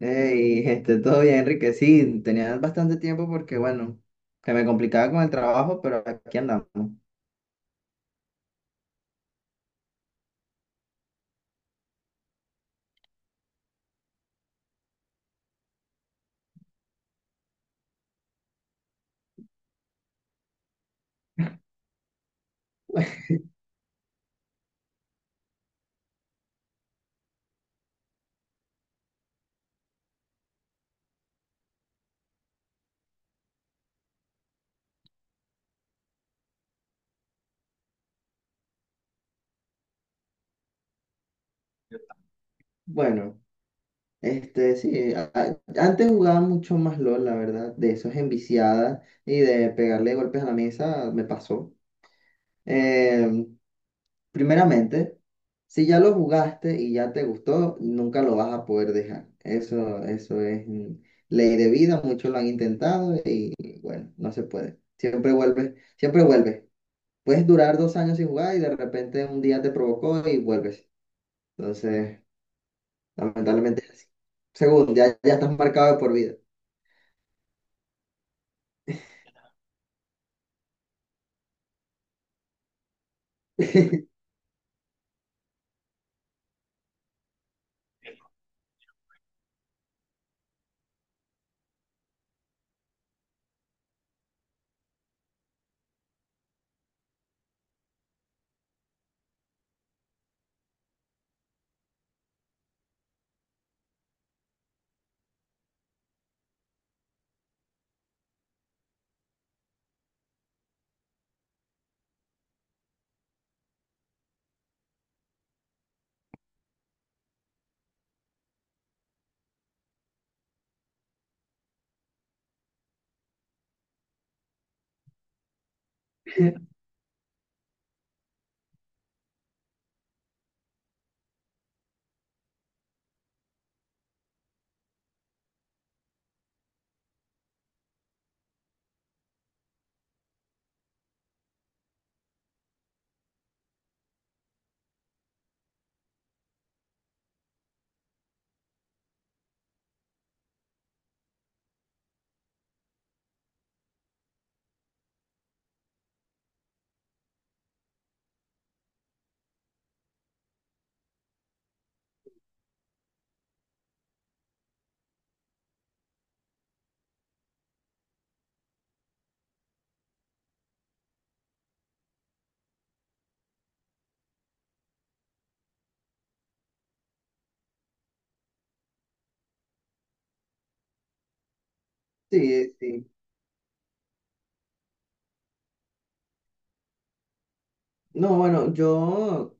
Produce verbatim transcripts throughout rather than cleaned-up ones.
Hey, este, todo bien, Enrique. Sí, tenía bastante tiempo porque, bueno, que me complicaba con el trabajo, pero aquí andamos. Bueno, este, sí, a- a- antes jugaba mucho más LOL, la verdad, de esos enviciadas y de pegarle golpes a la mesa, me pasó. Eh, Primeramente, si ya lo jugaste y ya te gustó, nunca lo vas a poder dejar. Eso, eso es mm, ley de vida, muchos lo han intentado y, bueno, no se puede. Siempre vuelves, siempre vuelves. Puedes durar dos años sin jugar y de repente un día te provocó y vuelves. Entonces, lamentablemente es así. Segundo, ya, ya estás marcado de por vida. Sí, sí. No, bueno, yo,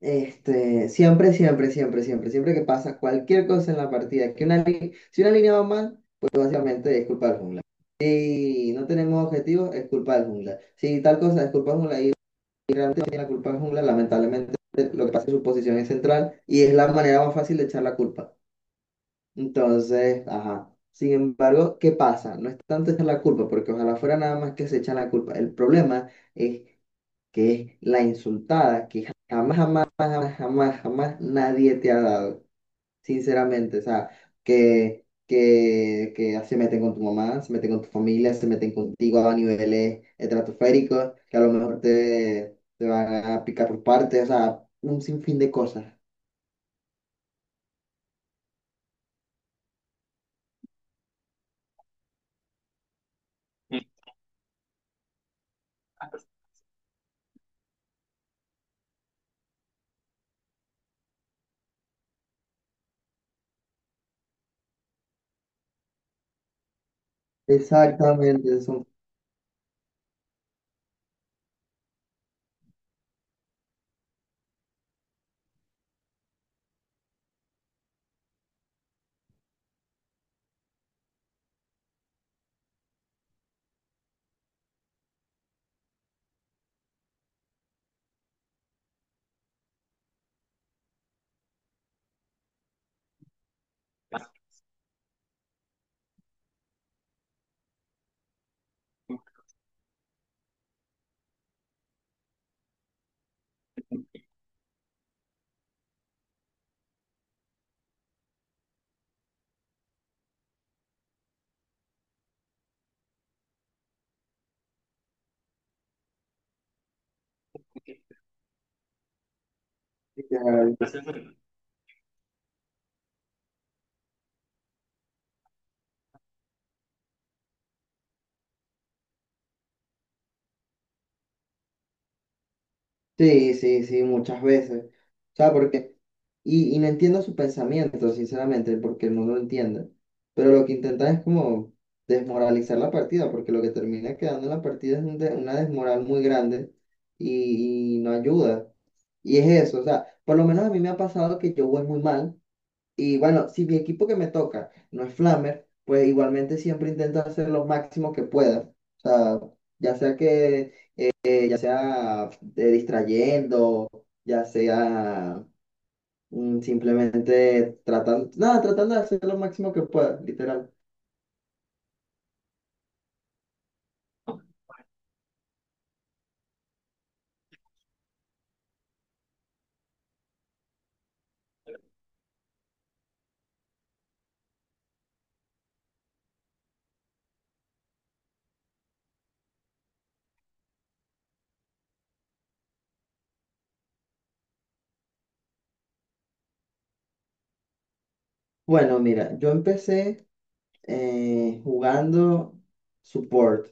este, siempre, siempre, siempre, siempre, siempre que pasa cualquier cosa en la partida, que una li- si una línea va mal, pues básicamente es culpa del jungla. Si no tenemos objetivos, es culpa del jungla. Si tal cosa es culpa del jungla y realmente no tiene la culpa del jungla, lamentablemente lo que pasa es que su posición es central y es la manera más fácil de echar la culpa. Entonces, ajá. Sin embargo, ¿qué pasa? No es tanto echar la culpa, porque ojalá fuera nada más que se echan la culpa. El problema es que es la insultada que jamás, jamás, jamás, jamás, jamás nadie te ha dado, sinceramente. O sea, que, que, que se meten con tu mamá, se meten con tu familia, se meten contigo a niveles estratosféricos, que a lo mejor te, te van a picar por partes, o sea, un sinfín de cosas. Exactamente, son. Sí, sí, sí, muchas veces. O sea, porque, y, y no entiendo su pensamiento, sinceramente, porque no lo entiende. Pero lo que intentan es como desmoralizar la partida, porque lo que termina quedando en la partida es un de- una desmoral muy grande y, y no ayuda. Y es eso, o sea, por lo menos a mí me ha pasado que yo voy muy mal. Y bueno, si mi equipo que me toca no es Flamer, pues igualmente siempre intento hacer lo máximo que pueda. O sea, ya sea que ya sea eh, distrayendo, ya sea mm, simplemente tratando, nada, tratando de hacer lo máximo que pueda, literal. Bueno, mira, yo empecé eh, jugando support.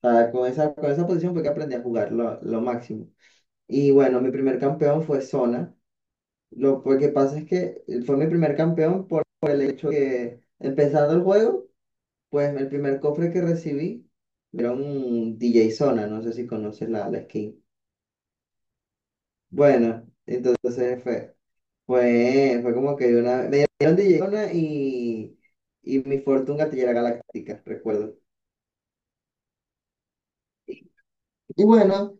O sea, con esa, con esa posición fue que aprendí a jugar lo, lo máximo. Y bueno, mi primer campeón fue Zona. Lo que pasa es que eh, fue mi primer campeón por por el hecho que empezando el juego. Pues el primer cofre que recibí era un D J Zona, no sé si conoces la, la skin. Bueno, entonces fue, fue, fue como que una, me dieron D J Zona y, y mi Fortune Gatillera Galáctica, recuerdo. Y bueno,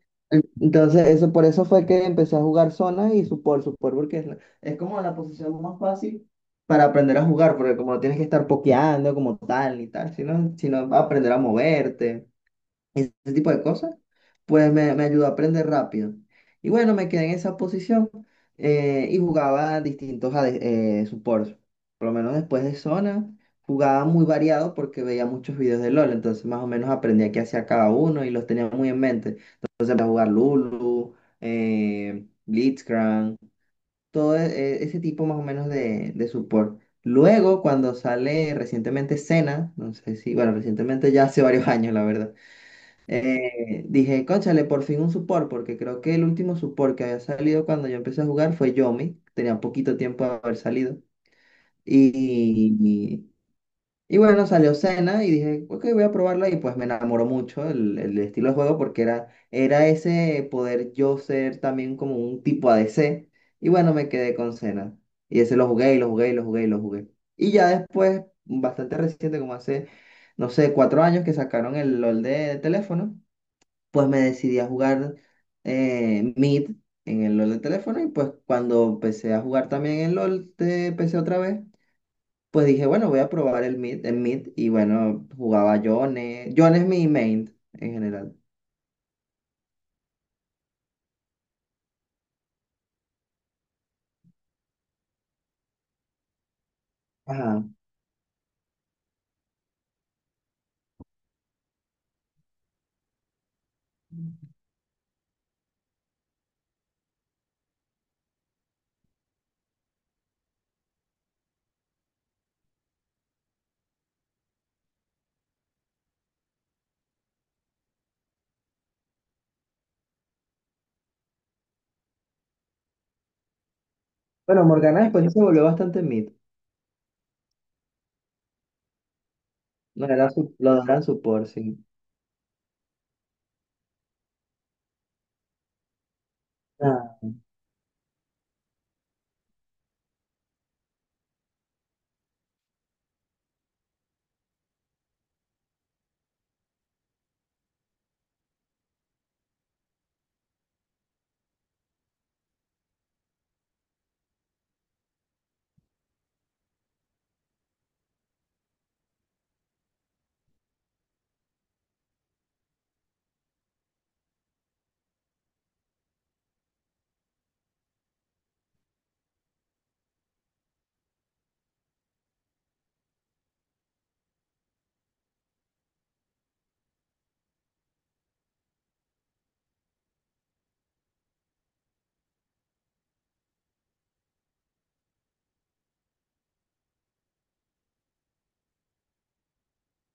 entonces eso por eso fue que empecé a jugar Zona y Support, Support, porque es, la- es como la posición más fácil para aprender a jugar, porque como no tienes que estar pokeando como tal y tal, sino, sino aprender a moverte. Ese tipo de cosas, pues me, me ayudó a aprender rápido. Y bueno, me quedé en esa posición eh, y jugaba distintos A D eh, supports. Por lo menos después de zona, jugaba muy variado porque veía muchos videos de LOL, entonces más o menos aprendía qué hacía cada uno y los tenía muy en mente. Entonces empecé a jugar Lulu, eh, Blitzcrank, todo e- e, ese tipo más o menos de, de support. Luego, cuando sale recientemente Senna, no sé si, bueno, recientemente ya hace varios años, la verdad eh, dije, cónchale, por fin un support, porque creo que el último support que había salido cuando yo empecé a jugar fue Yomi, tenía poquito tiempo de haber salido. Y, y- bueno, salió Senna y dije, ok, voy a probarla y pues me enamoró mucho el, el estilo de juego porque era, era ese poder yo ser también como un tipo A D C. Y bueno, me quedé con Senna. Y ese lo jugué y lo jugué y lo jugué y lo jugué. Y ya después, bastante reciente, como hace, no sé, cuatro años que sacaron el LOL de teléfono, pues me decidí a jugar eh, Mid en el LOL de teléfono y pues cuando empecé a jugar también en LOL de P C otra vez, pues dije, bueno, voy a probar el Mid, el Mid y bueno, jugaba Yone. Yone es mi main en general. Ajá. Bueno, Morgana después se volvió bastante Mid. No era su, lo daban support, sí. Ah,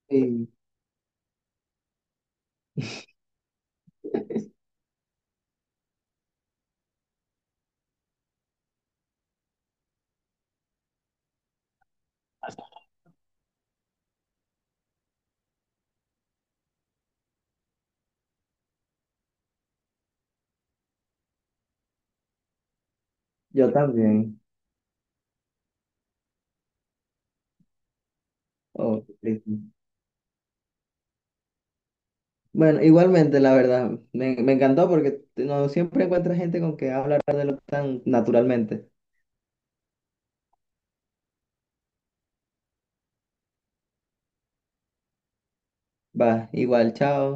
sí, yo también. Oh, qué triste. Bueno, igualmente, la verdad, me, me encantó porque no siempre encuentras gente con que hablar de lo tan naturalmente. Va, igual, chao.